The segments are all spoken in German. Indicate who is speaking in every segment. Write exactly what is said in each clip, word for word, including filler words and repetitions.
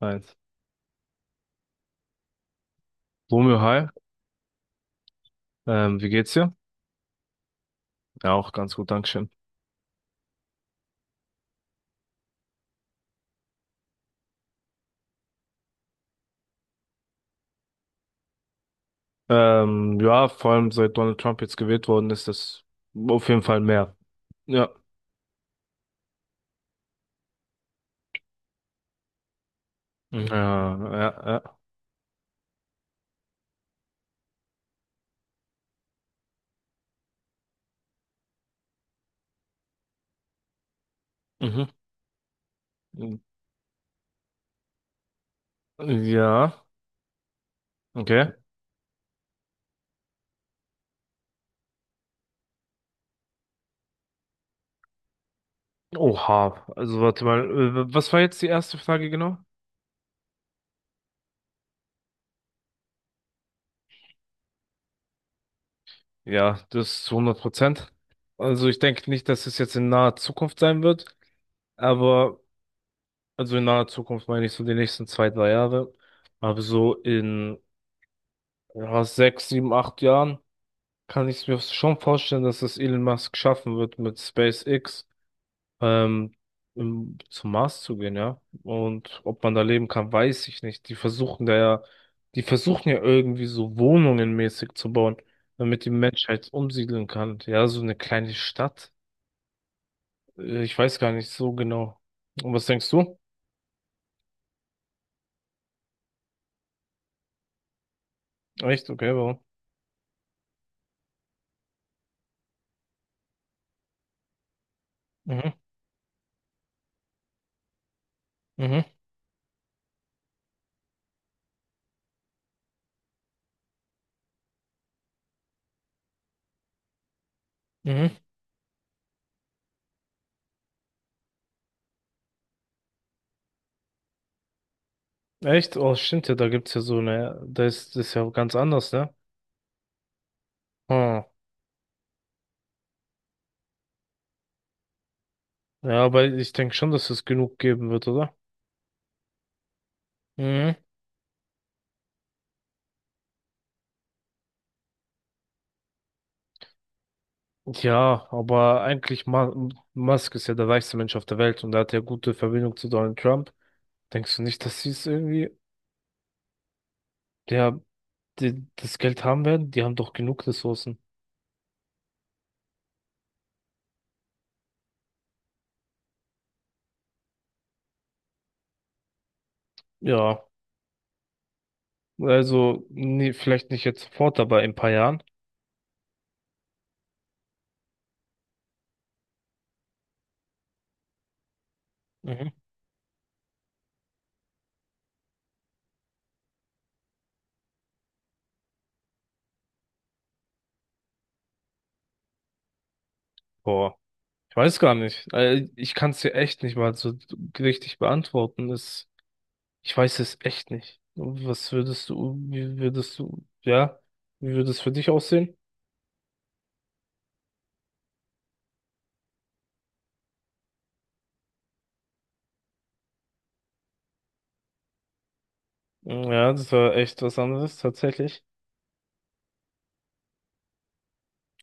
Speaker 1: Eins. Romeo, hi. Ähm, wie geht's dir? Ja, auch ganz gut, Dankeschön. Ähm, ja, vor allem seit Donald Trump jetzt gewählt worden ist, das auf jeden Fall mehr. Ja. Mhm. Ja, ja. Mhm. Ja. Mhm. Ja, okay. Oha. Also warte mal, äh, was war jetzt die erste Frage genau? Ja, das zu hundert Prozent. Also ich denke nicht, dass es jetzt in naher Zukunft sein wird, aber also in naher Zukunft meine ich so die nächsten zwei, drei Jahre, aber so in ja, sechs, sieben, acht Jahren. Kann ich mir schon vorstellen, dass es Elon Musk schaffen wird, mit SpaceX ähm, im, zum Mars zu gehen, ja. Und ob man da leben kann, weiß ich nicht. Die versuchen da ja, die versuchen ja irgendwie so Wohnungen mäßig zu bauen, damit die Menschheit umsiedeln kann. Ja, so eine kleine Stadt. Äh, Ich weiß gar nicht so genau. Und was denkst du? Echt? Okay, warum? Mhm, mhm, mhm. Echt? Oh, stimmt ja, da gibt's ja so eine, da ist das ja ganz anders, ne? Hm. Ja, aber ich denke schon, dass es genug geben wird, oder? Mhm. Ja, aber eigentlich Ma Musk ist ja der reichste Mensch auf der Welt, und er hat ja gute Verbindung zu Donald Trump. Denkst du nicht, dass sie es irgendwie, ja, die, das Geld haben werden? Die haben doch genug Ressourcen. Ja, also nee, vielleicht nicht jetzt sofort, aber in ein paar Jahren. Mhm. Boah, ich weiß gar nicht. Äh, Ich kann es dir echt nicht mal so richtig beantworten. Es Ich weiß es echt nicht. Was würdest du, wie würdest du, ja, wie würde es für dich aussehen? Mm, ja, das war echt was anderes, tatsächlich.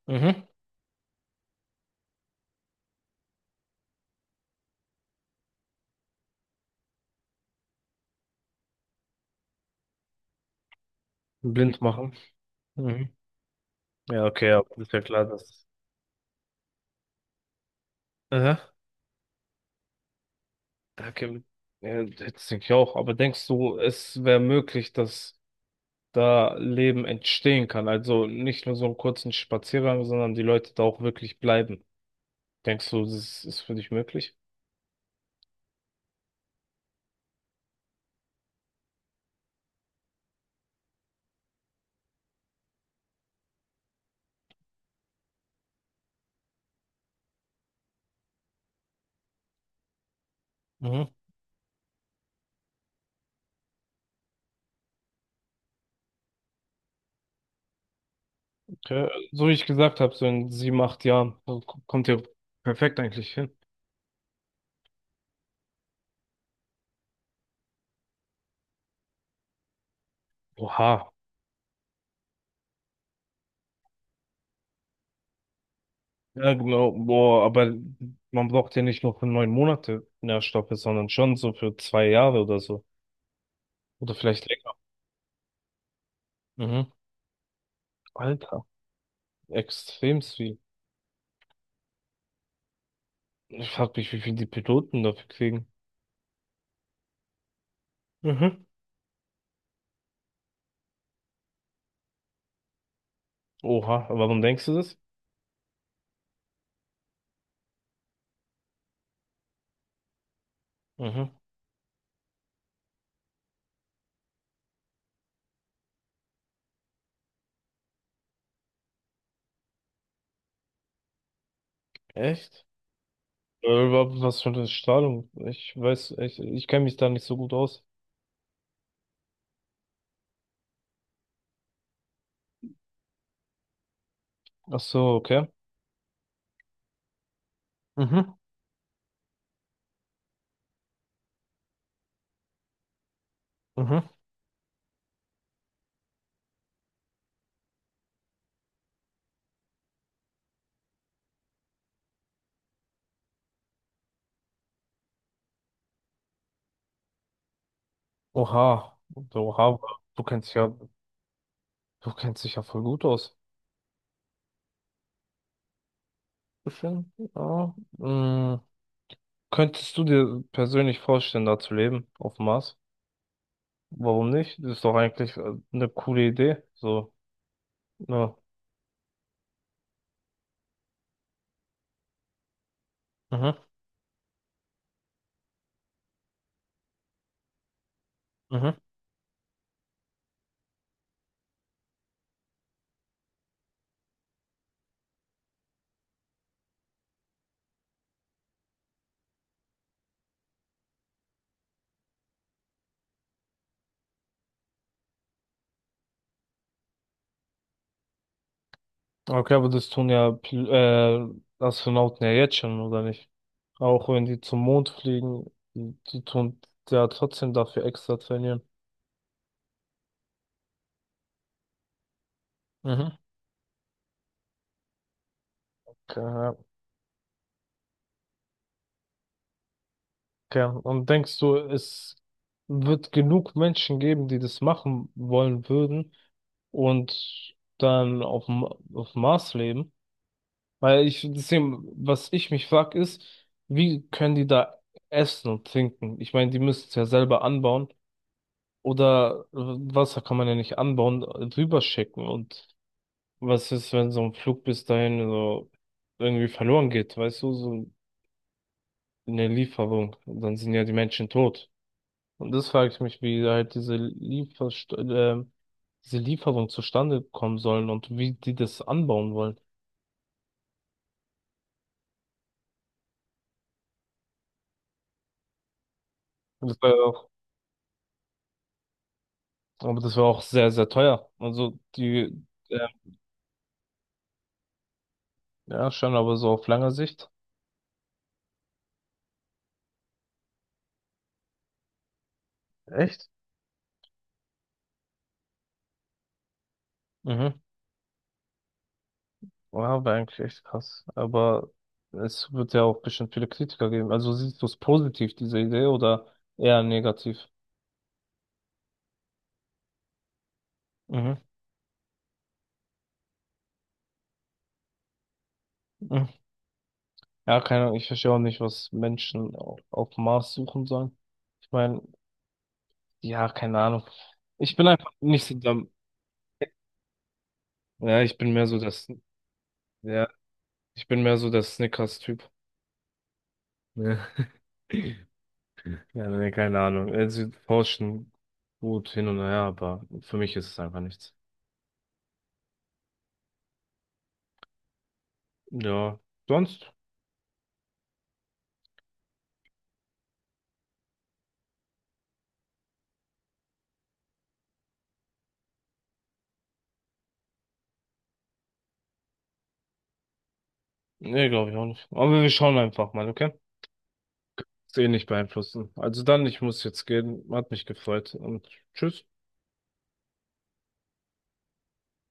Speaker 1: Mhm. Blind machen. Mhm. Ja, okay, ja, ist ja klar, dass. Aha. Okay. Ja, das denke ich auch. Aber denkst du, es wäre möglich, dass da Leben entstehen kann? Also nicht nur so einen kurzen Spaziergang, sondern die Leute da auch wirklich bleiben. Denkst du, das ist für dich möglich? Mhm. Okay. So wie ich gesagt habe, so in sieben, acht Jahren so k- kommt ihr perfekt eigentlich hin. Oha. Ja, genau. Boah, aber man braucht ja nicht nur für neun Monate Nährstoffe, sondern schon so für zwei Jahre oder so. Oder vielleicht länger. Mhm. Alter, extrem viel. Ich frag mich, wie viel die Piloten dafür kriegen. Mhm. Oha, aber warum denkst du das? Mhm. Echt? Äh, wa- was für eine Strahlung? Ich weiß, ich, ich kenne mich da nicht so gut aus. Ach so, okay. Mhm. Mhm. Oha, so, oha, du kennst ja, du kennst dich ja voll gut aus. Bisschen, ja. Mm, könntest du dir persönlich vorstellen, da zu leben, auf dem Mars? Warum nicht? Das ist doch eigentlich äh, eine coole Idee. So, ja. Mhm, mhm. Okay, aber das tun ja Pil- äh, Astronauten ja jetzt schon, oder nicht? Auch wenn die zum Mond fliegen, die die tun ja trotzdem dafür extra trainieren. Mhm. Okay. Okay. Und denkst du, es wird genug Menschen geben, die das machen wollen würden und dann auf dem, auf dem Mars leben? Weil ich, deswegen, was ich mich frag, ist, wie können die da essen und trinken? Ich meine, die müssen es ja selber anbauen oder äh, Wasser kann man ja nicht anbauen, äh, drüber schicken. Und was ist, wenn so ein Flug bis dahin so irgendwie verloren geht? Weißt du, so eine Lieferung, und dann sind ja die Menschen tot. Und das frage ich mich, wie halt diese Lieferst äh, diese Lieferung zustande kommen sollen und wie die das anbauen wollen. Und das war ja auch, aber das war auch sehr, sehr teuer. Also die, äh, ja, schon, aber so auf lange Sicht. Echt? Mhm. Ja, wäre eigentlich echt krass. Aber es wird ja auch bestimmt viele Kritiker geben. Also siehst du es positiv, diese Idee, oder eher negativ? Mhm. Mhm. Ja, keine Ahnung, ich verstehe auch nicht, was Menschen au- auf dem Mars suchen sollen. Ich meine, ja, keine Ahnung. Ich bin einfach nicht so der, ja, ich bin mehr so das, ja, ich bin mehr so der Snickers-Typ. Ja. Ja, nee, keine Ahnung. Äh, Sie forschen gut hin und her, aber für mich ist es einfach nichts. Ja, sonst? Nee, glaube ich auch nicht. Aber wir schauen einfach mal, okay? Ist eh nicht beeinflussen. Also dann, ich muss jetzt gehen. Hat mich gefreut und tschüss.